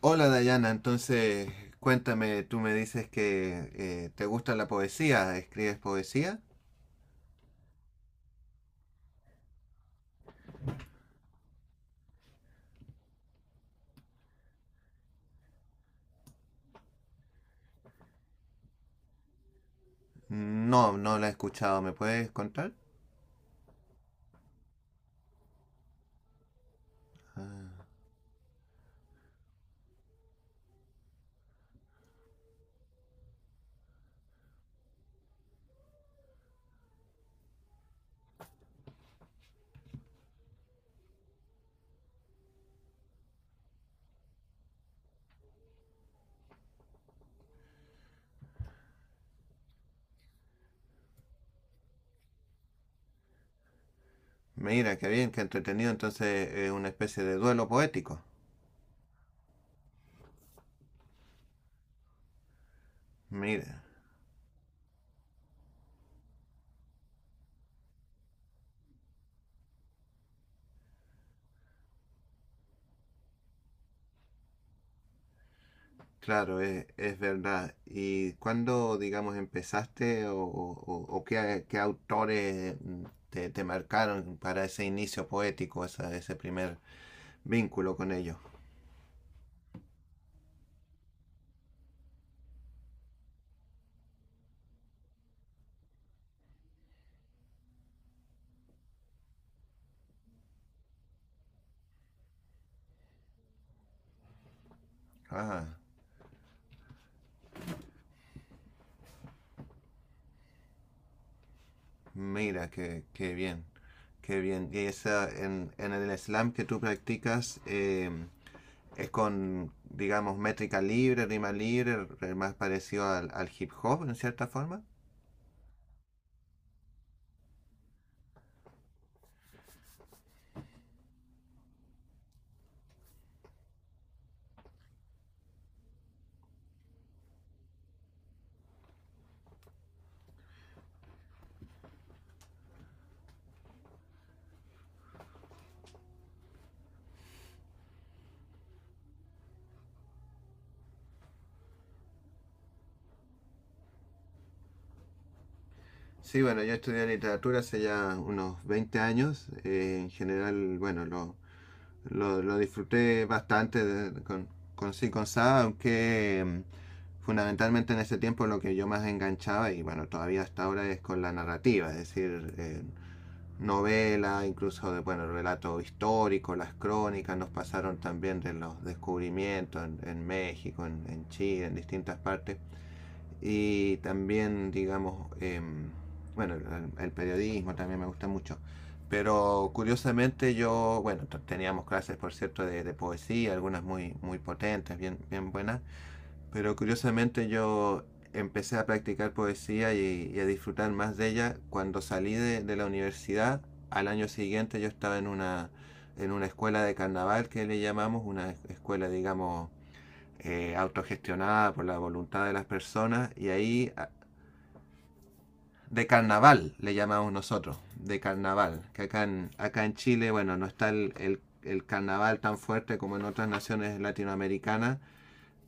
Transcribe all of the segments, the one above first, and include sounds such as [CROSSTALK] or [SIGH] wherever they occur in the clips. Hola Dayana, entonces cuéntame, tú me dices que te gusta la poesía, ¿escribes poesía? No, no la he escuchado, ¿me puedes contar? Ah, mira, qué bien, qué entretenido, entonces es una especie de duelo poético. Mira, claro, es verdad. ¿Y cuándo, digamos, empezaste o qué autores te marcaron para ese inicio poético, ese primer vínculo con ellos? Ah. Mira, qué bien, qué bien. Y esa, en el slam que tú practicas, es con, digamos, métrica libre, rima libre, más parecido al hip hop en cierta forma. Sí, bueno, yo estudié literatura hace ya unos 20 años. En general, bueno, lo disfruté bastante con sí, aunque fundamentalmente en ese tiempo lo que yo más enganchaba, y bueno, todavía hasta ahora es con la narrativa, es decir, novela, incluso de, bueno, relatos históricos, las crónicas, nos pasaron también de los descubrimientos en, México, en, Chile, en distintas partes. Y también, digamos, bueno, el, periodismo también me gusta mucho. Pero curiosamente yo, bueno, teníamos clases, por cierto, de poesía, algunas muy, muy potentes, bien, bien buenas. Pero curiosamente yo empecé a practicar poesía y a disfrutar más de ella cuando salí de la universidad. Al año siguiente yo estaba en una, escuela de carnaval que le llamamos, una escuela, digamos, autogestionada por la voluntad de las personas, y ahí de carnaval le llamamos nosotros, de carnaval, que acá en, Chile, bueno, no está el, el carnaval tan fuerte como en otras naciones latinoamericanas.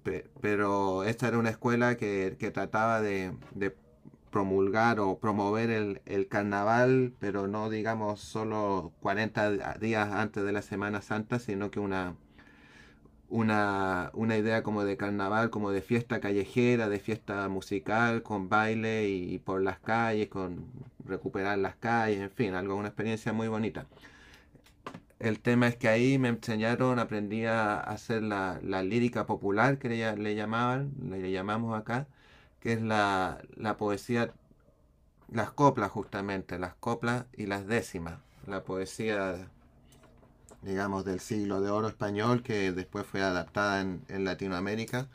Pero esta era una escuela que trataba de promulgar o promover el, carnaval, pero no digamos solo 40 días antes de la Semana Santa, sino que una, una idea como de carnaval, como de fiesta callejera, de fiesta musical, con baile y, por las calles, con recuperar las calles, en fin, algo, una experiencia muy bonita. El tema es que ahí me enseñaron, aprendí a hacer la, lírica popular que le, llamaban, le, llamamos acá, que es la, poesía, las coplas justamente, las coplas y las décimas. La poesía, digamos, del siglo de oro español que después fue adaptada en, Latinoamérica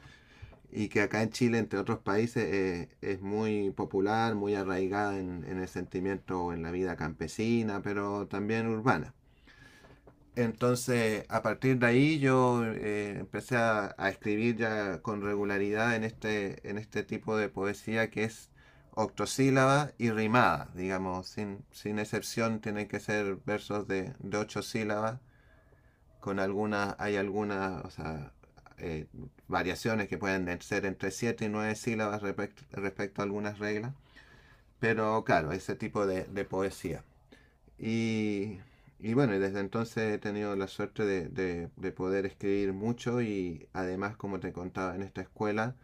y que acá en Chile, entre otros países, es muy popular, muy arraigada en, el sentimiento, en la vida campesina, pero también urbana. Entonces, a partir de ahí yo empecé a escribir ya con regularidad en este, tipo de poesía que es octosílaba y rimada, digamos, sin excepción tienen que ser versos de ocho sílabas, con algunas, hay algunas, o sea, eh, variaciones que pueden ser entre siete y nueve sílabas respecto a algunas reglas, pero claro, ese tipo de poesía. Y, y bueno, y desde entonces he tenido la suerte de poder escribir mucho y además, como te contaba, en esta escuela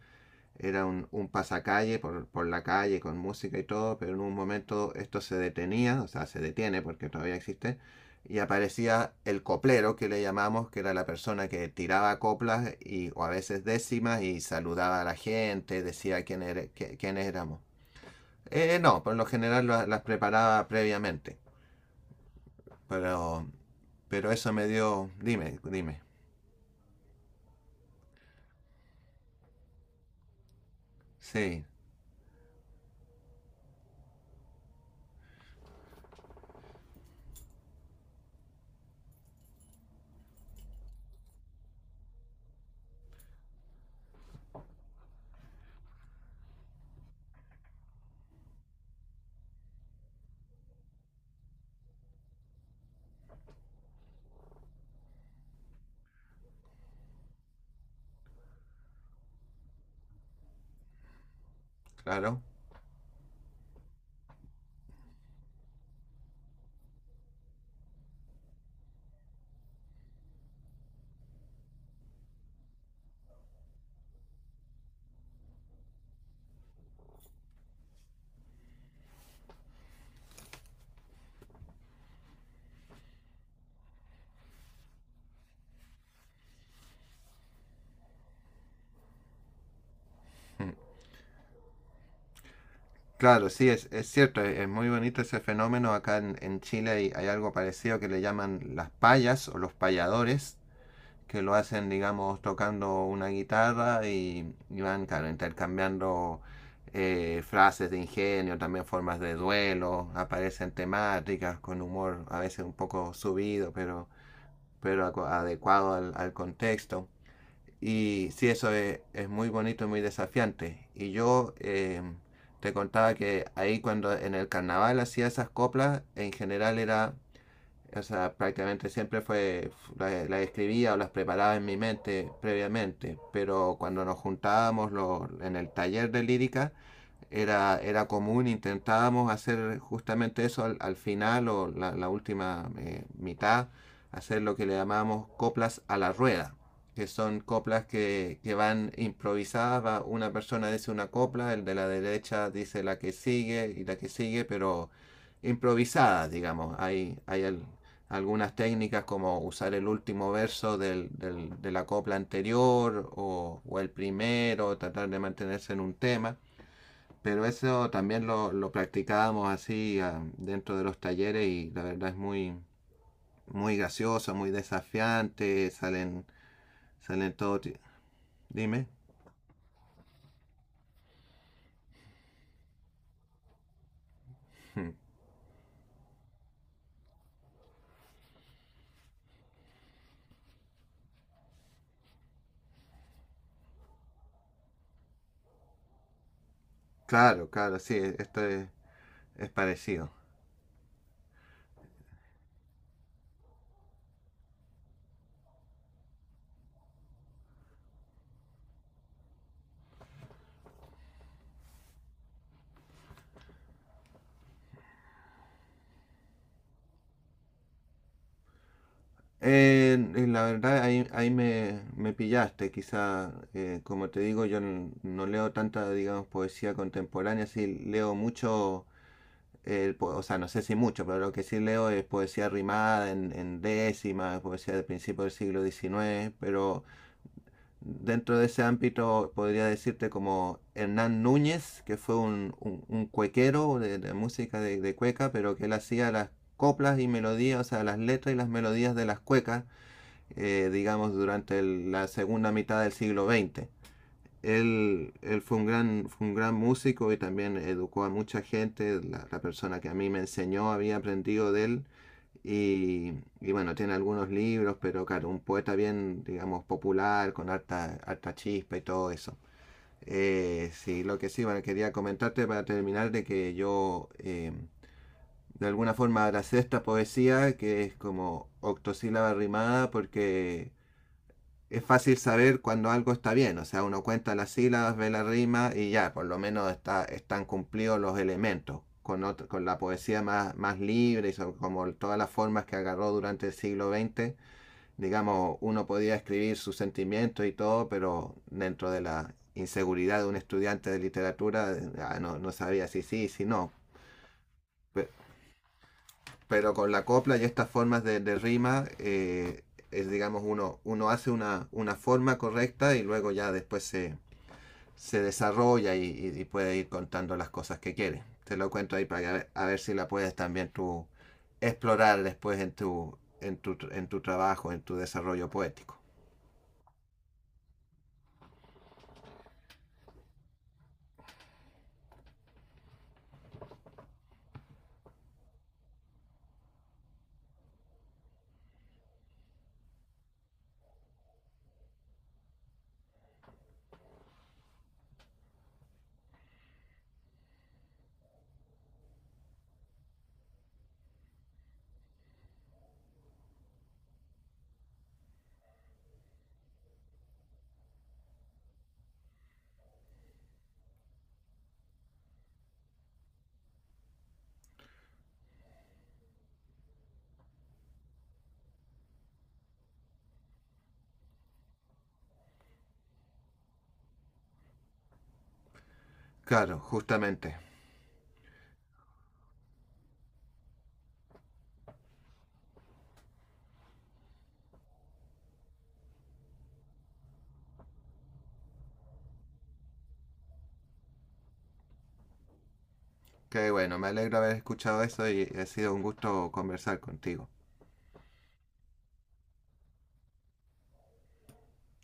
era un pasacalle por la calle con música y todo, pero en un momento esto se detenía, o sea, se detiene porque todavía existe, y aparecía el coplero que le llamamos, que era la persona que tiraba coplas y, o a veces décimas y saludaba a la gente, decía quién, era, quiénes éramos. No, por lo general las preparaba previamente. Pero, pero eso me dio, dime, dime. Sí, claro. Mm. Claro, sí, es cierto, es muy bonito ese fenómeno. Acá en, Chile hay, algo parecido que le llaman las payas o los payadores, que lo hacen, digamos, tocando una guitarra y van, claro, intercambiando frases de ingenio, también formas de duelo, aparecen temáticas con humor a veces un poco subido, pero, adecuado al contexto. Y sí, eso es muy bonito y muy desafiante. Y yo te contaba que ahí cuando en el carnaval hacía esas coplas, en general era, o sea, prácticamente siempre fue, las la escribía o las preparaba en mi mente previamente, pero cuando nos juntábamos en el taller de lírica, era común, intentábamos hacer justamente eso al final o la, última mitad, hacer lo que le llamábamos coplas a la rueda, que son coplas que van improvisadas, una persona dice una copla, el de la derecha dice la que sigue y la que sigue, pero improvisadas, digamos. Hay algunas técnicas como usar el último verso de la copla anterior o el primero, tratar de mantenerse en un tema. Pero eso también lo practicábamos así dentro de los talleres y la verdad es muy, muy gracioso, muy desafiante, salen todo. Dime. [LAUGHS] Hmm. Claro, claro, sí, esto es parecido. Eh, la verdad ahí me pillaste, quizá, como te digo, yo no leo tanta, digamos, poesía contemporánea, sí leo mucho o sea, no sé si mucho, pero lo que sí leo es poesía rimada en, décimas, poesía de principios del siglo XIX, pero dentro de ese ámbito podría decirte como Hernán Núñez, que fue un cuequero de, música de cueca, pero que él hacía las coplas y melodías, o sea, las letras y las melodías de las cuecas, digamos, durante la segunda mitad del siglo XX. Él fue un gran, músico y también educó a mucha gente. La persona que a mí me enseñó había aprendido de él. Y, y bueno, tiene algunos libros, pero claro, un poeta bien, digamos, popular, con harta, harta chispa y todo eso. Sí, lo que sí, bueno, quería comentarte para terminar de que yo de alguna forma abracé esta poesía que es como octosílaba rimada porque es fácil saber cuando algo está bien, o sea, uno cuenta las sílabas, ve la rima y ya, por lo menos están cumplidos los elementos. Con la poesía más, más libre y sobre, como todas las formas que agarró durante el siglo XX, digamos, uno podía escribir sus sentimientos y todo, pero dentro de la inseguridad de un estudiante de literatura, no sabía si sí, si no. Pero, pero con la copla y estas formas de rima, es, digamos, uno hace una, forma correcta y luego ya después se desarrolla y puede ir contando las cosas que quiere. Te lo cuento ahí para que a ver, si la puedes también tú explorar después en tu, trabajo, en tu desarrollo poético. Claro, justamente. Qué bueno, me alegro haber escuchado eso y ha sido un gusto conversar contigo.